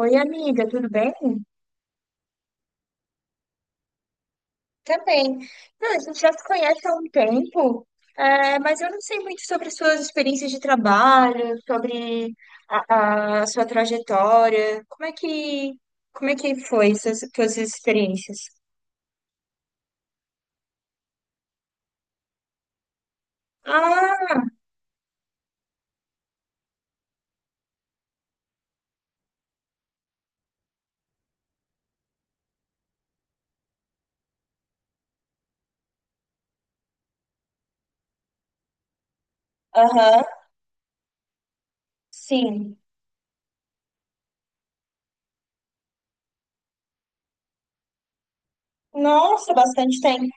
Oi, amiga, tudo bem? Também. Não, a gente já se conhece há um tempo, mas eu não sei muito sobre suas experiências de trabalho, sobre a sua trajetória. Como é que foi essas suas experiências? Ah, aham, sim. Nossa, bastante tempo.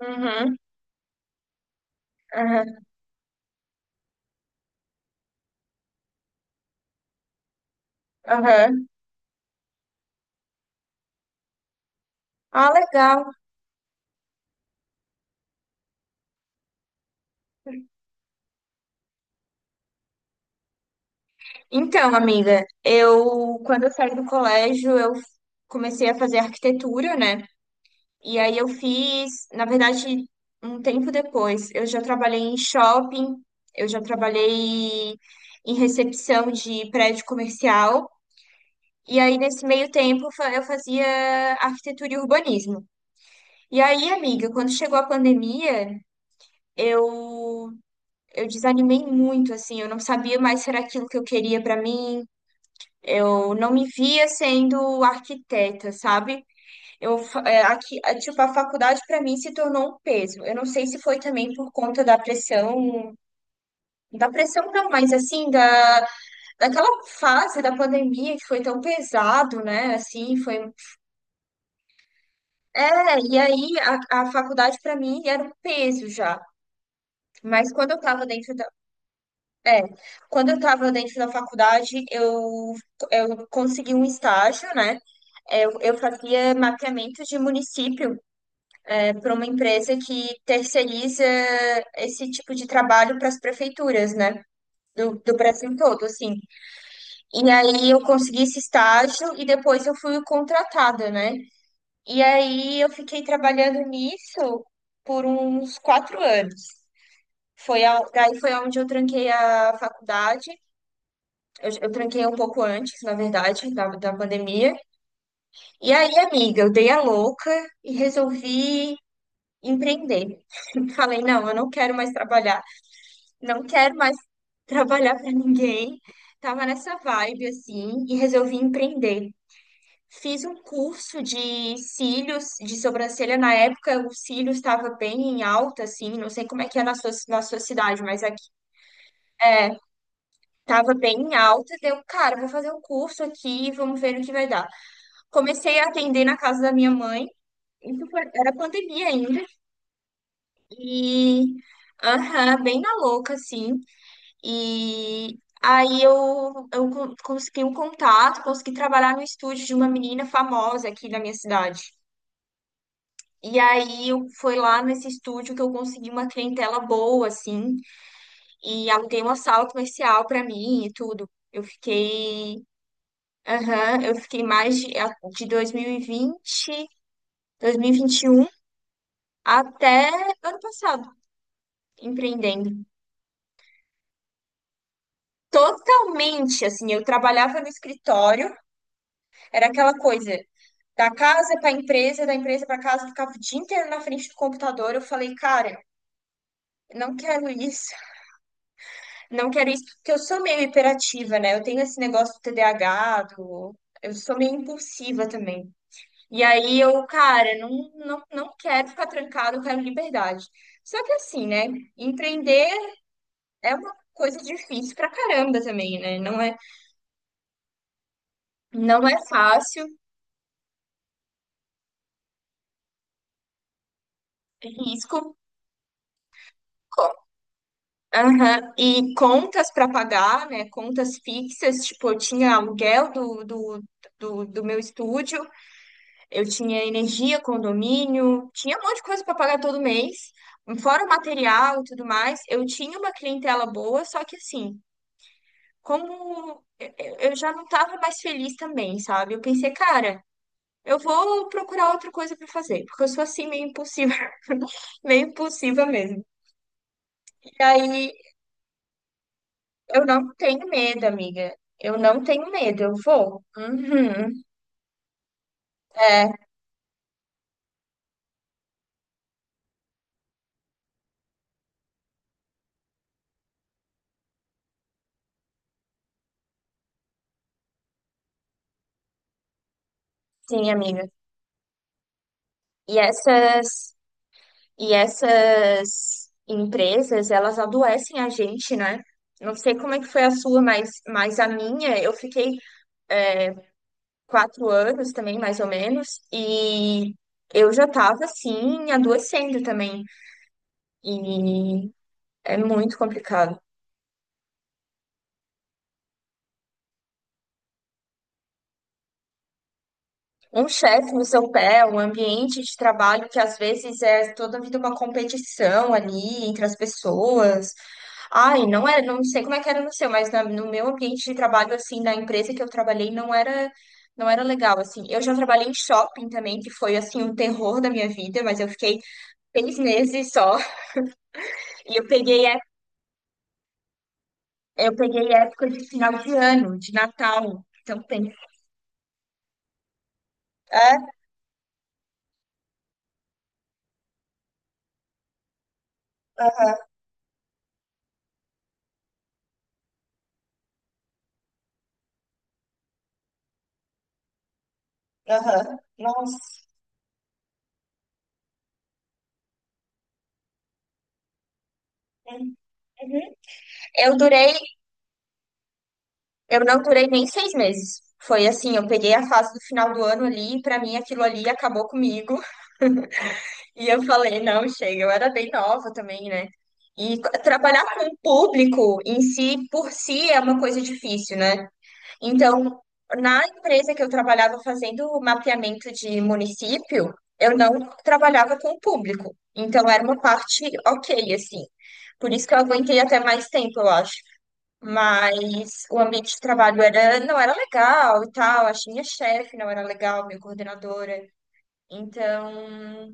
Uhum, aham, aham. Ah, legal. Então, amiga, quando eu saí do colégio, eu comecei a fazer arquitetura, né? E aí eu fiz, na verdade, um tempo depois, eu já trabalhei em shopping, eu já trabalhei em recepção de prédio comercial. E aí, nesse meio tempo, eu fazia arquitetura e urbanismo. E aí, amiga, quando chegou a pandemia, eu, eu desanimei muito, assim, eu não sabia mais se era aquilo que eu queria para mim. Eu não me via sendo arquiteta, sabe? Eu, fa- é, aqui, é, tipo, a faculdade para mim se tornou um peso. Eu não sei se foi também por conta da pressão não, mas assim, daquela fase da pandemia que foi tão pesado, né? Assim, foi. É, e aí a faculdade para mim era um peso já. Mas quando eu tava dentro da, é, quando eu tava dentro da faculdade, eu consegui um estágio, né? Eu fazia mapeamento de município para uma empresa que terceiriza esse tipo de trabalho para as prefeituras, né? Do Brasil todo, assim. E aí eu consegui esse estágio e depois eu fui contratada, né? E aí eu fiquei trabalhando nisso por uns 4 anos. Daí foi onde eu tranquei a faculdade. Eu tranquei um pouco antes, na verdade, da pandemia. E aí, amiga, eu dei a louca e resolvi empreender. Falei, não, eu não quero mais trabalhar. Não quero mais trabalhar para ninguém. Tava nessa vibe assim e resolvi empreender. Fiz um curso de cílios, de sobrancelha. Na época, o cílios estava bem em alta, assim. Não sei como é que é na sua cidade, mas aqui é, tava bem em alta. Deu, cara, vou fazer um curso aqui, vamos ver o que vai dar. Comecei a atender na casa da minha mãe. Era pandemia ainda. E, aham, bem na louca, assim. E aí consegui um contato, consegui trabalhar no estúdio de uma menina famosa aqui da minha cidade. E aí eu foi lá nesse estúdio que eu consegui uma clientela boa, assim, e aluguei uma sala comercial para mim e tudo. Eu fiquei, aham, eu fiquei mais de 2020, 2021 até ano passado, empreendendo. Totalmente, assim, eu trabalhava no escritório, era aquela coisa, da casa para a empresa, da empresa para casa, eu ficava o dia inteiro na frente do computador. Eu falei, cara, não quero isso, não quero isso, porque eu sou meio hiperativa, né? Eu tenho esse negócio do TDAH, do... eu sou meio impulsiva também. E aí eu, cara, não, não quero ficar trancada, eu quero liberdade. Só que assim, né? Empreender é uma coisa difícil pra caramba também, né? Não é, não é fácil, é risco. Aham, e contas para pagar, né? Contas fixas, tipo, eu tinha aluguel do meu estúdio, eu tinha energia, condomínio, tinha um monte de coisa para pagar todo mês, fora o material e tudo mais. Eu tinha uma clientela boa, só que assim, eu já não estava mais feliz também, sabe? Eu pensei, cara, eu vou procurar outra coisa para fazer, porque eu sou assim meio impulsiva, meio impulsiva mesmo. E aí eu não tenho medo, amiga. Eu não tenho medo, eu vou. Uhum. É, sim, amiga. E essas, e essas empresas, elas adoecem a gente, né? Não sei como é que foi a sua, mas a minha, eu fiquei 4 anos também, mais ou menos, e eu já tava, assim, adoecendo também. E é muito complicado. Um chefe no seu pé, um ambiente de trabalho que às vezes é toda vida uma competição ali entre as pessoas. Ai, não é, não sei como é que era no seu, no meu ambiente de trabalho assim, na empresa que eu trabalhei, não era legal assim. Eu já trabalhei em shopping também, que foi assim um terror da minha vida, mas eu fiquei 6 meses só e eu peguei é- eu peguei época de final de ano, de Natal. Então tem. É, aham. Nossa. Uhum. Eu durei Eu não durei nem 6 meses. Foi assim, eu peguei a fase do final do ano ali, e pra mim aquilo ali acabou comigo. E eu falei, não, chega, eu era bem nova também, né? E trabalhar com o público em si, por si, é uma coisa difícil, né? Então, na empresa que eu trabalhava fazendo mapeamento de município, eu não trabalhava com o público. Então, era uma parte ok, assim. Por isso que eu aguentei até mais tempo, eu acho. Mas o ambiente de trabalho era, não era legal e tal. Achei minha chefe não era legal, minha coordenadora. Então,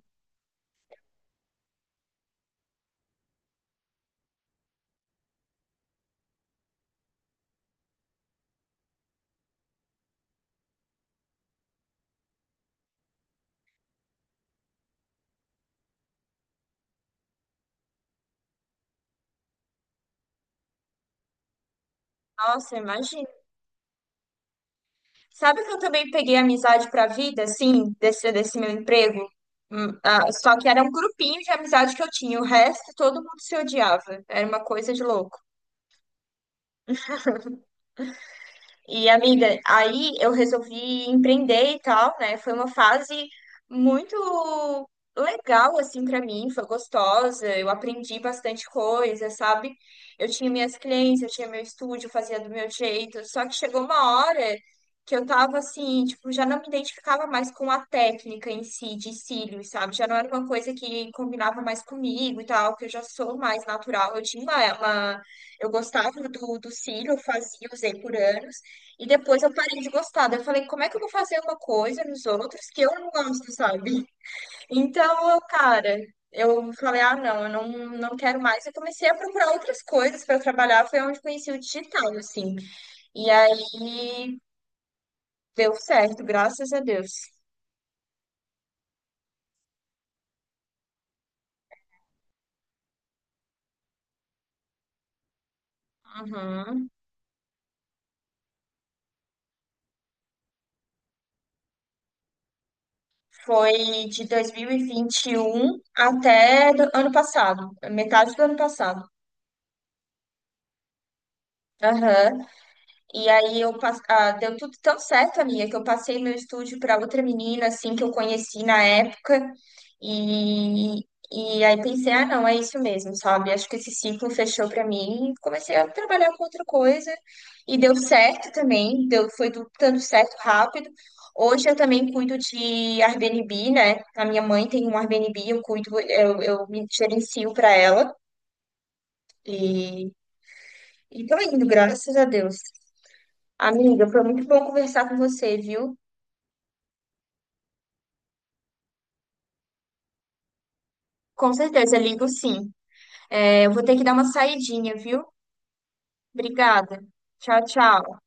nossa, imagina. Sabe que eu também peguei amizade pra vida, assim, desse meu emprego? Ah, só que era um grupinho de amizade que eu tinha. O resto, todo mundo se odiava. Era uma coisa de louco. E, amiga, aí eu resolvi empreender e tal, né? Foi uma fase muito legal, assim, pra mim, foi gostosa, eu aprendi bastante coisa, sabe? Eu tinha minhas clientes, eu tinha meu estúdio, eu fazia do meu jeito, só que chegou uma hora que eu tava assim, tipo, já não me identificava mais com a técnica em si, de cílios, sabe? Já não era uma coisa que combinava mais comigo e tal, que eu já sou mais natural, eu tinha uma... eu gostava do cílio, eu fazia, usei por anos, e depois eu parei de gostar. Daí eu falei, como é que eu vou fazer uma coisa nos outros que eu não gosto, sabe? Então, eu, cara, eu falei, ah, não, eu não, não quero mais. Eu comecei a procurar outras coisas para trabalhar. Foi onde conheci o digital, assim. E aí deu certo, graças a Deus. Uhum. Foi de dois mil e vinte e um até do ano passado, metade do ano passado. Aham. E aí ah, deu tudo tão certo, amiga, que eu passei meu estúdio para outra menina assim que eu conheci na época. E e aí pensei, ah, não, é isso mesmo, sabe? Acho que esse ciclo fechou para mim. Comecei a trabalhar com outra coisa e deu certo também, dando certo rápido. Hoje eu também cuido de Airbnb, né? A minha mãe tem um Airbnb, eu cuido, eu me gerencio para ela. E, e tô indo, graças a Deus. Amiga, foi muito bom conversar com você, viu? Com certeza, ligo sim. É, eu vou ter que dar uma saidinha, viu? Obrigada. Tchau, tchau.